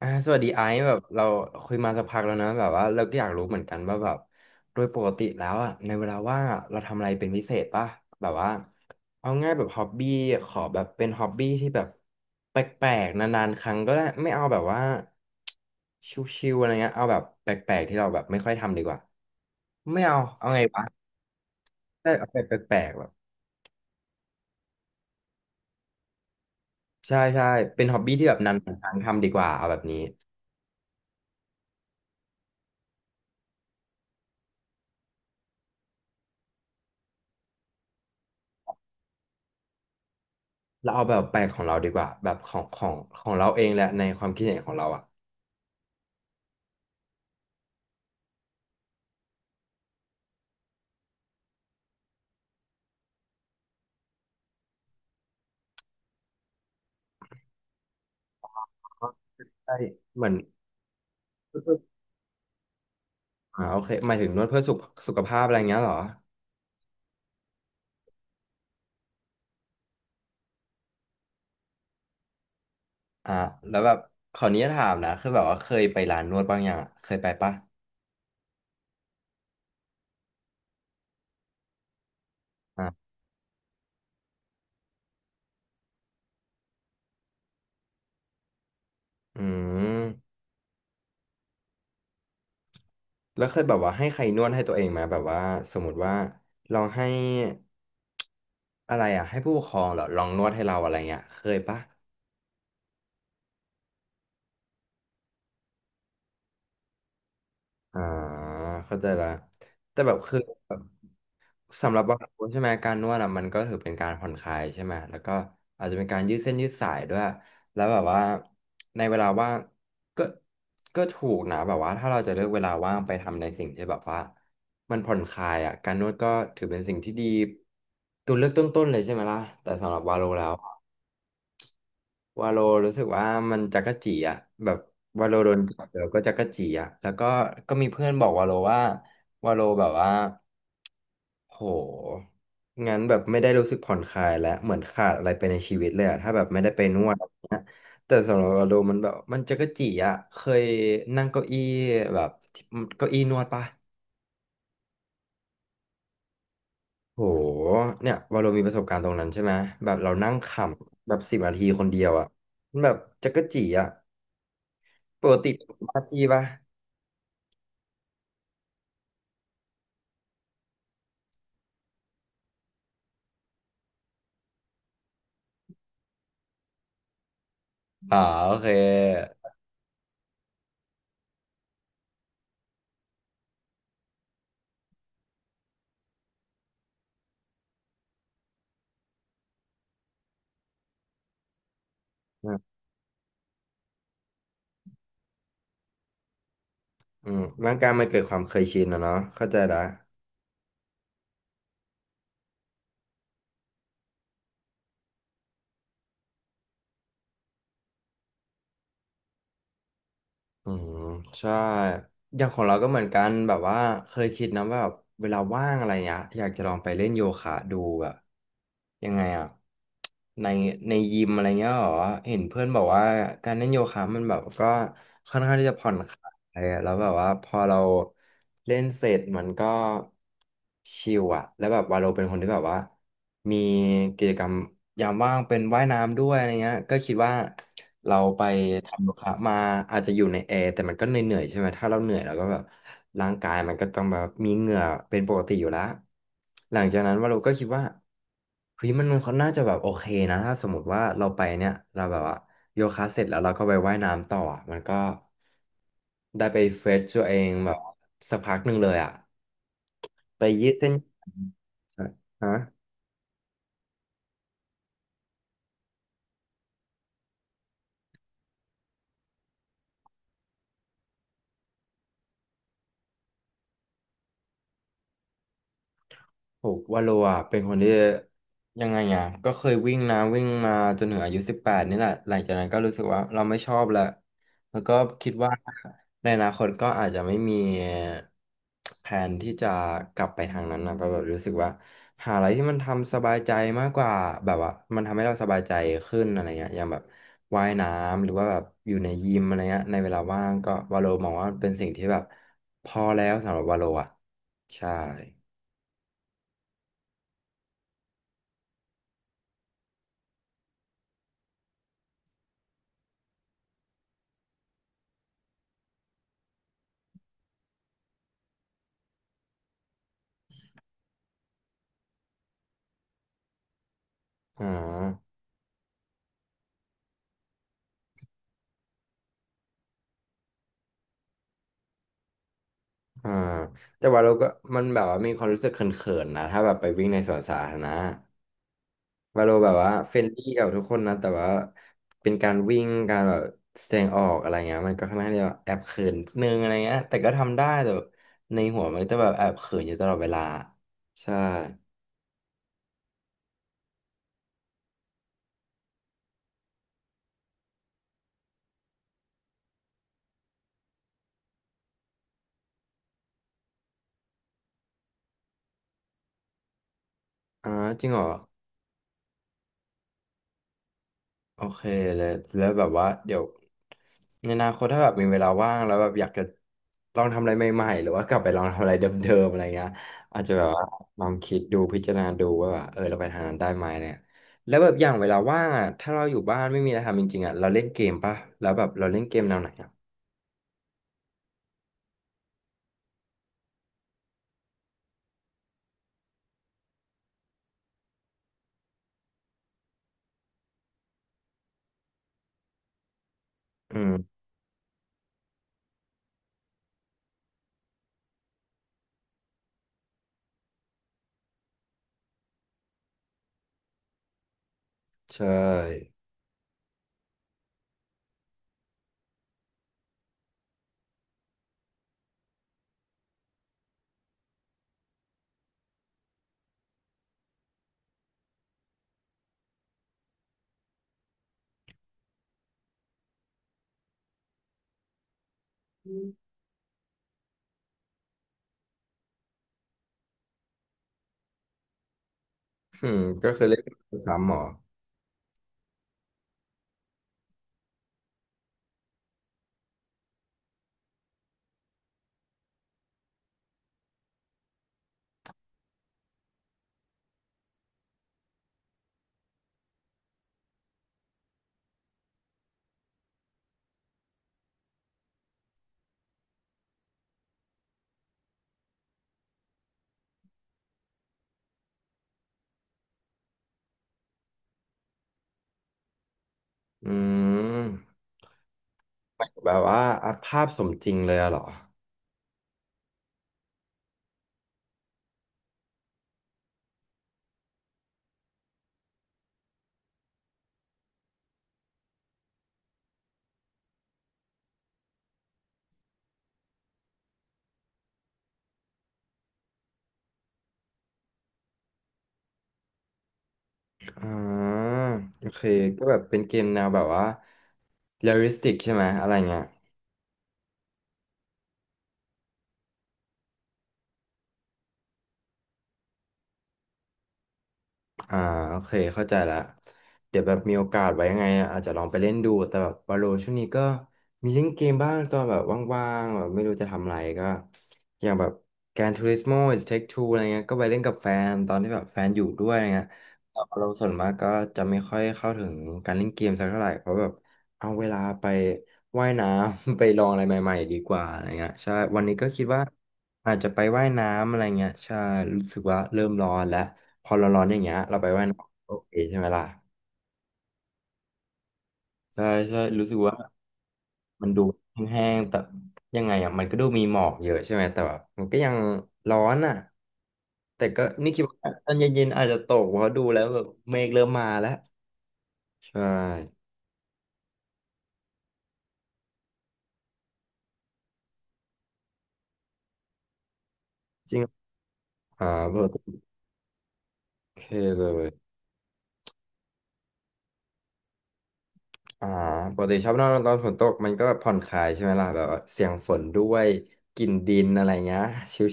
อ่าสวัสดีไอซ์แบบเราคุยมาสักพักแล้วนะแบบว่าเราก็อยากรู้เหมือนกันว่าแบบโดยปกติแล้วอ่ะในเวลาว่างอะเราทำอะไรเป็นพิเศษป่ะแบบว่าเอาง่ายแบบฮ็อบบี้ขอแบบเป็นฮ็อบบี้ที่แบบแปลกๆนานๆครั้งก็ได้ไม่เอาแบบว่าชิวๆอะไรเงี้ยเอาแบบแปลกๆที่เราแบบไม่ค่อยทำดีกว่าไม่เอาเอาไงวะได้เอาแบบแปลกๆแบบใช่ใช่เป็นฮ็อบบี้ที่แบบนานๆครั้งทำดีกว่าเอาแบบนี้ เราเอาแบบแปลกของเราดีกว่าแบบของเราเองแหละในความคิดเห็นของเราอ่ะใช่เหมือนอ่าโอเคหมายถึงนวดเพื่อสุขสุขภาพอะไรเงี้ยเหรออ่าแล้วแบบขออนุญาตถามนะคือแบบว่าเคยไปร้านนวดบ้างยังอะเคยไปปะอ่าอืมแล้วเคยแบบว่าให้ใครนวดให้ตัวเองไหมแบบว่าสมมติว่าลองให้อะไรอ่ะให้ผู้ปกครองเหรอลองนวดให้เราอะไรเงี้ยเคยปะ อ่าเข้าใจละแต่แบบคือแบบสำหรับบางคนใช่ไหมการนวดอ่ะมันก็ถือเป็นการผ่อนคลายใช่ไหมแล้วก็อาจจะเป็นการยืดเส้นยืดสายด้วยแล้วแบบว่าในเวลาว่างก็ก็ถูกนะแบบว่าถ้าเราจะเลือกเวลาว่างไปทำในสิ่งที่แบบว่ามันผ่อนคลายอ่ะการนวดก็ถือเป็นสิ่งที่ดีตัวเลือกต้นๆเลยใช่ไหมล่ะแต่สำหรับวาโลแล้ว วาโลรู้สึกว่ามันจั๊กจี้อ่ะแบบวาโลโดนจับแล้วก็จั๊กจี้อ่ะแล้วก็ก็มีเพื่อนบอกวาโลว่าวาโลแบบว่าโหงั้นแบบไม่ได้รู้สึกผ่อนคลายและเหมือนขาดอะไรไปในชีวิตเลยอะถ้าแบบไม่ได้ไปนวดแต่สำหรับเราโลมันแบบมันจั๊กจี้อ่ะเคยนั่งเก้าอี้แบบที่เก้าอี้นวดปะโหเนี่ยวาโลมีประสบการณ์ตรงนั้นใช่ไหมแบบเรานั่งขำแบบ10 นาทีคนเดียวอ่ะมันแบบจั๊กจี้อ่ะปกติปาจีปะ อ๋อโอเคอืมอืมร่างกายมันเกิดความเคยชินอะเนาะเข้าใจละอืมใช่อย่างของเราก็เหมือนกันแบบว่าเคยคิดนะว่าแบบเวลาว่างอะไรเงี้ยอยากจะลองไปเล่นโยคะดูแบบยังไงอะในในยิมอะไรเงี้ยเหรอเห็นเพื่อนบอกว่าการเล่นโยคะมันแบบก็ เออแล้วแบบว่าพอเราเล่นเสร็จมันก็ชิลอะแล้วแบบวาโลเป็นคนที่แบบว่ามีกิจกรรมยามว่างเป็นว่ายน้ำด้วยอะไรเงี้ยก็คิดว่าเราไปทำโยคะมาอาจจะอยู่ในแอร์แต่มันก็เหนื่อยๆใช่ไหมถ้าเราเหนื่อยเราก็แบบร่างกายมันก็ต้องแบบมีเหงื่อเป็นปกติอยู่แล้วหลังจากนั้นวาโลก็คิดว่าเฮ้ยมันเขาน่าจะแบบโอเคนะถ้าสมมติว่าเราไปเนี่ยเราแบบว่าโยคะเสร็จแล้วเราก็ไปว่ายน้ำต่ออะมันก็ ได้ไปเฟรชตัวเองแบบสักพักหนึ่งเลยอ่ะไปยืดเส้นใช่ฮะ ถูกว่าโลอ่ะเป็นคนที่ยังไงอ่ะก็เคยวิ่งนะวิ่งมาจนถึงอายุ18นี่แหละหลังจากนั้นก็รู้สึกว่าเราไม่ชอบแล้วแล้วก็คิดว่าในอนาคตก็อาจจะไม่มีแผนที่จะกลับไปทางนั้นนะก็แบบรู้สึกว่าหาอะไรที่มันทำสบายใจมากกว่าแบบว่ามันทำให้เราสบายใจขึ้นอะไรเงี้ยอย่างแบบว่ายน้ำหรือว่าแบบอยู่ในยิมอะไรเงี้ยในเวลาว่างก็วาโลมองว่าเป็นสิ่งที่แบบพอแล้วสำหรับวาโลอ่ะใช่อ่า อ่าแต่ว่าเราก็มันแบบว่ามีความรู้สึกเขินๆนะถ้าแบบไปวิ่งในสวนสาธารณะว่าเราแบบว่าเฟรนลี่กับทุกคนนะแต่ว่าเป็นการวิ่งการแบบแสดงออกอะไรเงี้ยมันก็ค่อนข้างที่จะแอบเขินนิดนึงอะไรเงี้ยแต่ก็ทำได้แต่แบบในหัวมันจะแบบแอบเขินอยู่ตลอดเวลาใช่อ่าจริงเหรอ โอเคเลยแล้วแบบว่าเดี๋ยวในอนาคตถ้าแบบมีเวลาว่างแล้วแบบอยากจะลองทำอะไรใหม่ๆหรือว่ากลับไปลองทำอะไรเดิมๆอะไรเงี้ยอาจจะแบบว่าลองคิดดูพิจารณาดูว่าแบบเออเราไปทางนั้นได้ไหมเนี่ยแล้วแบบอย่างเวลาว่างอ่ะถ้าเราอยู่บ้านไม่มีอะไรทำจริงๆอ่ะเราเล่นเกมป่ะแล้วแบบเราเล่นเกมแนวไหนอ่ะอืมใช่อืมก็คือเล่นซ้ำหรออืมแบบว่าอัพภาพสมจริงเลยอะเหรอ อ่าโอเคก็แบบเป็นเกมแนวแบบว่าเรียลลิสติกใช่ไหมอะไรเงี้ยอ่าโอเคเข้าใจละเดี๋ยวแบบมีโอกาสไว้ยังไงอาจจะลองไปเล่นดูแต่แบบวาโลช่วงนี้ก็มีเล่นเกมบ้างตอนแบบว่างๆแบบไม่รู้จะทำอะไรก็อย่างแบบ Gran Turismo It Take Two อะไรเงี้ยก็ไปเล่นกับแฟนตอนที่แบบแฟนอยู่ด้วยอะไรเงี้ยแต่เราส่วนมากก็จะไม่ค่อยเข้าถึงการเล่นเกมสักเท่าไหร่เพราะแบบเอาเวลาไป ว่ายน้ำ ไปลองอะไรใหม่ๆดีกว่าอะไรเงี้ยใช่วันนี้ก็คิดว่าอาจจะไปว่ายน้ำอะไรเงี้ยใช่รู้สึกว่าเริ่มร้อนแล้วพอเราร้อนอย่างเงี้ยเราไปว่ายน้ำโอเคใช่ไหมล่ะใช่ใช่รู้สึกว่ามันดูแห้งๆแต่ยังไงอ่ะมันก็ดูมีหมอกเยอะใช่ไหมแต่แบบมันก็ยังร้อนอ่ะแต่ก็นี่คิดว่าตอนเย็นๆอาจจะตกเพราะดูแล้วแบบเมฆเริ่มมาแล้วใช่จริงอ่าเบอร์โอเคเลย อ่าปกติชอบนอนตอนฝนตกมันก็ผ่อนคลายใช่ไหมล่ะแบบว่าเสียงฝนด้วยกลิ่นดินอะไรเงี้ยชิล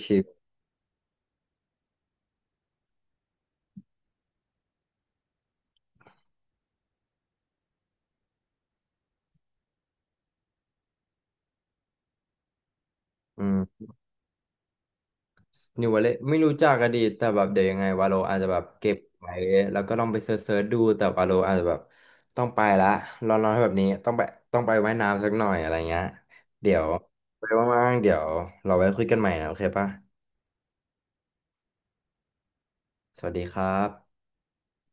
ๆอืมนิววาเลตไม่รู้จักอดีตแต่แบบเดี๋ยวยังไงวาโลอาจจะแบบเก็บไว้แล้วก็ลองไปเซิร์ชๆดูแต่วาโลอาจจะแบบต้องไปละร้อนๆแบบนี้ต้องไปต้องไปว่ายน้ำสักหน่อยอะไรเงี้ยเดี๋ยวไปว่างๆเดี๋ยวเราไว้คุยกันใหม่นะโอเคปะสวัสดีครับ